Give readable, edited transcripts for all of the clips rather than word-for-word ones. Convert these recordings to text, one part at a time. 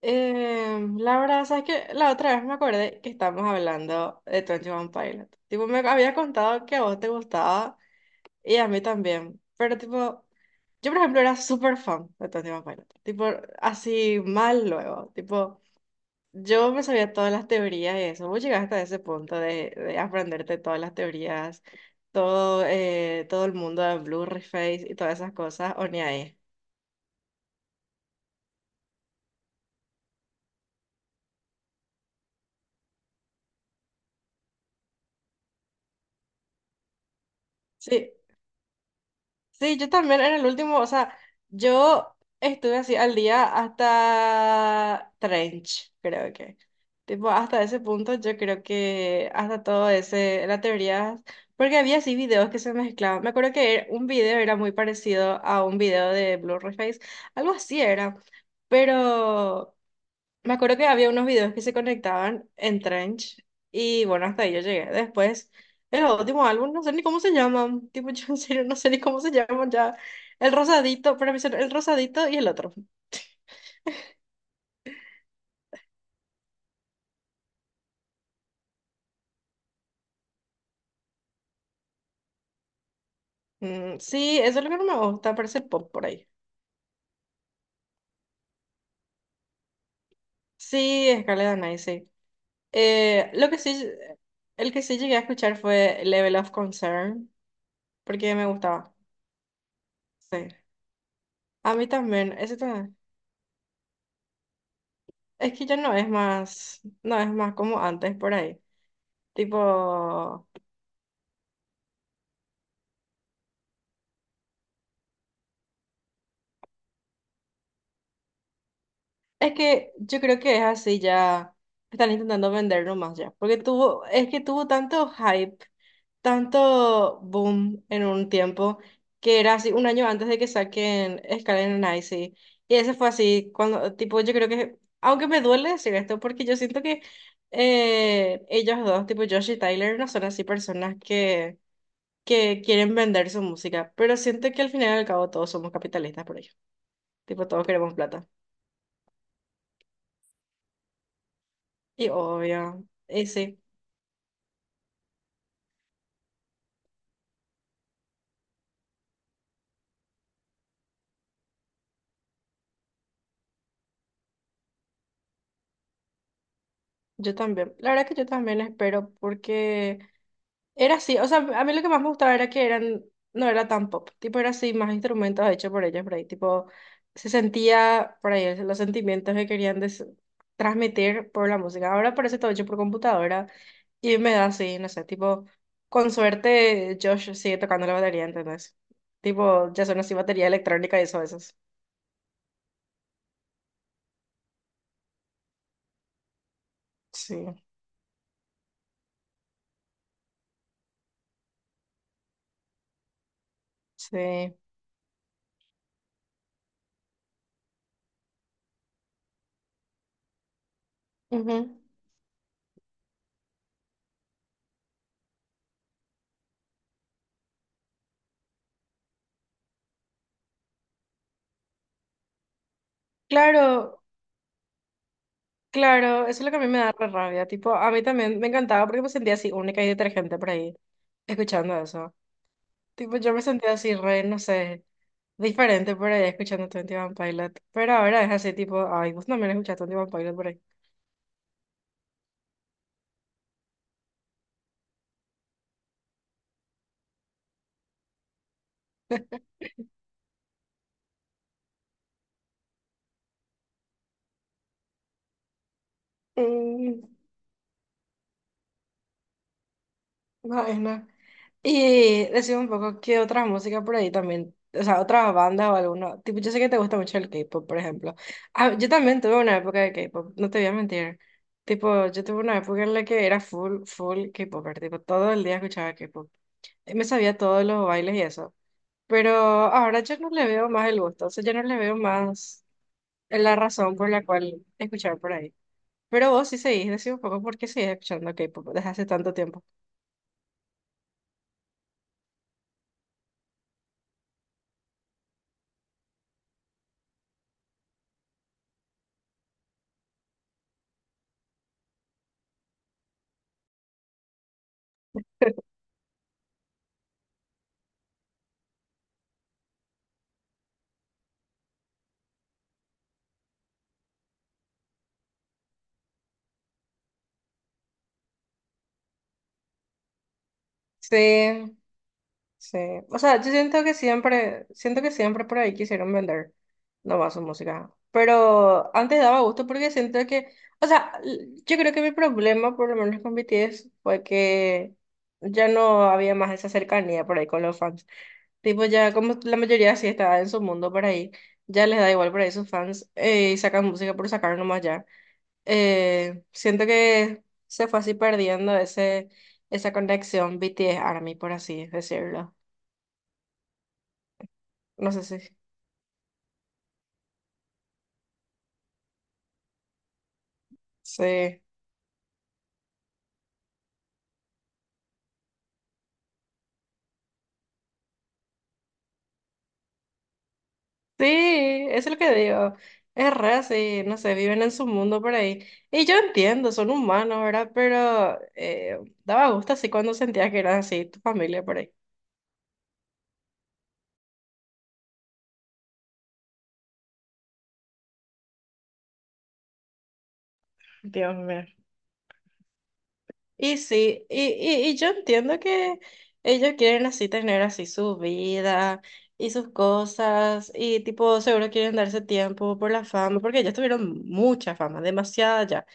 La verdad, sabes que la otra vez me acordé que estábamos hablando de Twenty One Pilot. Tipo, me había contado que a vos te gustaba y a mí también. Pero tipo, yo por ejemplo era súper fan de Twenty One Pilot. Tipo, así mal luego. Tipo, yo me sabía todas las teorías y eso. Vos llegaste hasta ese punto de aprenderte todas las teorías, todo, todo el mundo de Blue Face y todas esas cosas, o ni ahí. Sí. Sí, yo también en el último, o sea, yo estuve así al día hasta Trench, creo que. Tipo, hasta ese punto yo creo que hasta todo ese, la teoría, porque había así videos que se mezclaban. Me acuerdo que un video era muy parecido a un video de Blue Face, algo así era, pero... Me acuerdo que había unos videos que se conectaban en Trench y bueno, hasta ahí yo llegué. Después, el último álbum, no sé ni cómo se llaman. Tipo, yo en serio no sé ni cómo se llaman ya. El rosadito, para mí son el rosadito y el otro. Mm, sí, eso es lo que no me gusta, parece pop por ahí. Sí, Escalera Nice, sí. Lo que sí, el que sí llegué a escuchar fue Level of Concern, porque me gustaba. Sí. A mí también, ese también. Es que ya no es más, no es más como antes por ahí. Tipo, es que yo creo que es así ya. Están intentando venderlo más ya. Porque tuvo, es que tuvo tanto hype, tanto boom en un tiempo, que era así un año antes de que saquen Skull and Icy. Y ese fue así, cuando, tipo, yo creo que, aunque me duele decir esto, porque yo siento que ellos dos, tipo Josh y Tyler, no son así personas que quieren vender su música. Pero siento que al final y al cabo todos somos capitalistas por ello. Tipo, todos queremos plata. Y obvio, y sí, yo también. La verdad que yo también espero porque era así, o sea, a mí lo que más me gustaba era que eran, no era tan pop, tipo era así, más instrumentos hechos por ellos por ahí, tipo se sentía por ahí los sentimientos que querían transmitir por la música. Ahora parece todo hecho por computadora y me da así, no sé, tipo, con suerte Josh sigue tocando la batería, ¿entendés? Tipo, ya son así batería electrónica y eso, a veces. Sí, sí. Ujú. Claro. Claro, eso es lo que a mí me da re rabia. Tipo, a mí también me encantaba porque me sentía así única y detergente por ahí, escuchando eso. Tipo, yo me sentía así re, no sé, diferente por ahí escuchando Twenty One Pilot. Pero ahora es así, tipo, ay, vos también escuchaste Twenty One Pilot por ahí. Mm, no, es no. Y decime un poco qué otra música por ahí también, o sea, otra banda o alguno. Tipo, yo sé que te gusta mucho el K-pop, por ejemplo. Ah, yo también tuve una época de K-pop, no te voy a mentir. Tipo, yo tuve una época en la que era full, full K-popper, tipo, todo el día escuchaba K-pop. Y me sabía todos los bailes y eso. Pero ahora yo no le veo más el gusto, o sea, yo no le veo más la razón por la cual escuchar por ahí. Pero vos sí seguís, decime un poco por qué seguís escuchando K-pop desde hace tanto tiempo. Sí. Sí, o sea, yo siento que siempre por ahí quisieron vender nomás su música, pero antes daba gusto porque siento que, o sea, yo creo que mi problema, por lo menos con BTS, fue que ya no había más esa cercanía por ahí con los fans. Tipo, ya como la mayoría sí estaba en su mundo por ahí, ya les da igual por ahí sus fans, y sacan música por sacar nomás ya. Siento que se fue así perdiendo ese, esa conexión BTS-ARMY, por así decirlo. No sé si. Sí. Sí, eso es lo que digo. Es re así, no sé, viven en su mundo por ahí. Y yo entiendo, son humanos, ¿verdad? Pero daba gusto así cuando sentías que eran así, tu familia por ahí. Dios mío. Y sí, y yo entiendo que ellos quieren así tener así su vida y sus cosas y tipo seguro quieren darse tiempo por la fama porque ellos tuvieron mucha fama, demasiada ya.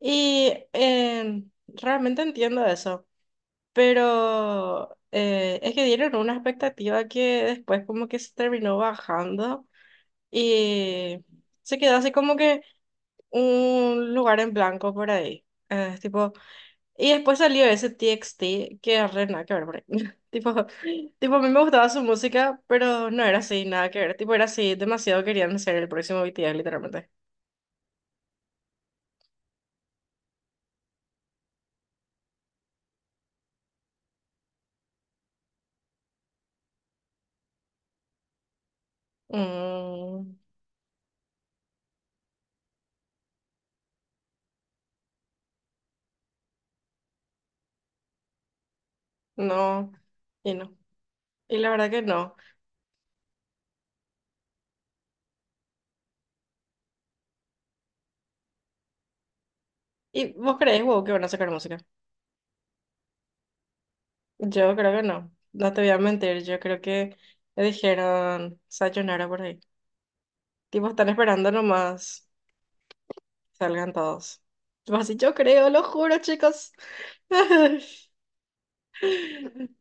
Y realmente entiendo eso, pero es que dieron una expectativa que después como que se terminó bajando y se quedó así como que un lugar en blanco por ahí. Tipo, y después salió ese TXT que es re nada que ver por ahí. Tipo, tipo, a mí me gustaba su música, pero no era así, nada que ver. Tipo, era así, demasiado querían ser el próximo BTS, literalmente. Mm, no, y no. Y la verdad que no. ¿Y vos creés, wow, que van a sacar música? Yo creo que no, no te voy a mentir, yo creo que le dijeron sayonara por ahí. Tipo, están esperando nomás salgan todos. Tipo así, yo creo, lo juro, chicos.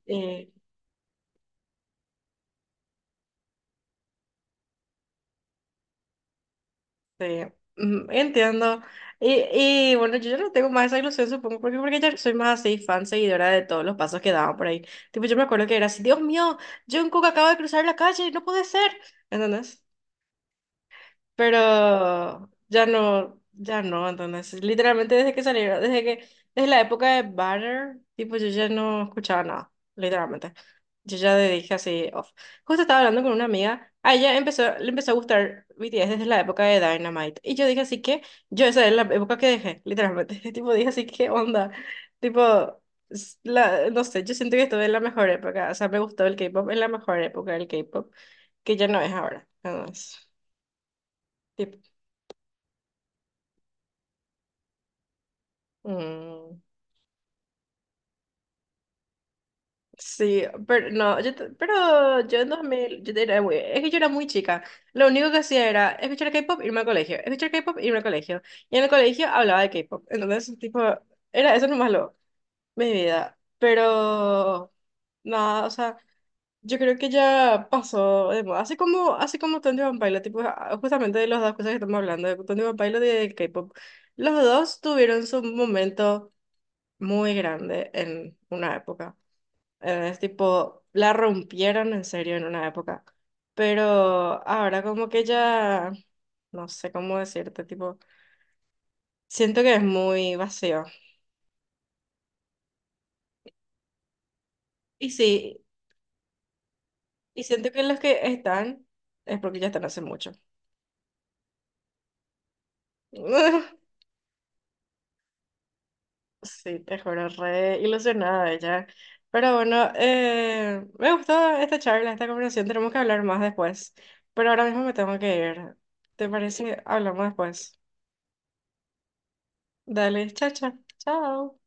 Y, sí, mm, entiendo. Y bueno, yo ya no tengo más esa ilusión, supongo, porque ya soy más así fan, seguidora de todos los pasos que daban por ahí. Tipo, yo me acuerdo que era así, Dios mío, Jungkook acaba de cruzar la calle, no puede ser. ¿Entendés? Pero ya no, ya no, entonces, literalmente desde que salieron, desde que, desde la época de Banner, tipo, yo ya no escuchaba nada, literalmente. Yo ya le dije así, off. Justo estaba hablando con una amiga, a ella empezó, le empezó a gustar BTS desde la época de Dynamite, y yo dije así que, yo esa es la época que dejé, literalmente, tipo, dije así, ¿qué onda? Tipo, la, no sé, yo siento que estuve en la mejor época, o sea, me gustó el K-pop en la mejor época del K-pop, que ya no es ahora, entonces, mm, sí, pero no, yo, pero yo en 2000 yo era muy, es que yo era muy chica. Lo único que hacía era escuchar K-pop, irme al colegio, escuchar K-pop, irme al colegio. Y en el colegio hablaba de K-pop. Entonces, tipo, era eso nomás lo, mi vida. Pero, nada, o sea, yo creo que ya pasó de moda. Así como Twenty One Pilot, tipo, ah, justamente de las dos cosas que estamos hablando, de Twenty One Pilot y de K-pop. Los dos tuvieron su momento muy grande en una época. Es tipo, la rompieron en serio en una época. Pero ahora como que ya, no sé cómo decirte, tipo, siento que es muy vacío. Y sí, y siento que los que están es porque ya están hace mucho. Sí, te juro, re ilusionada ella. Pero bueno, me gustó esta charla, esta conversación. Tenemos que hablar más después. Pero ahora mismo me tengo que ir. ¿Te parece? Hablamos después. Dale, chao, chao. Chao.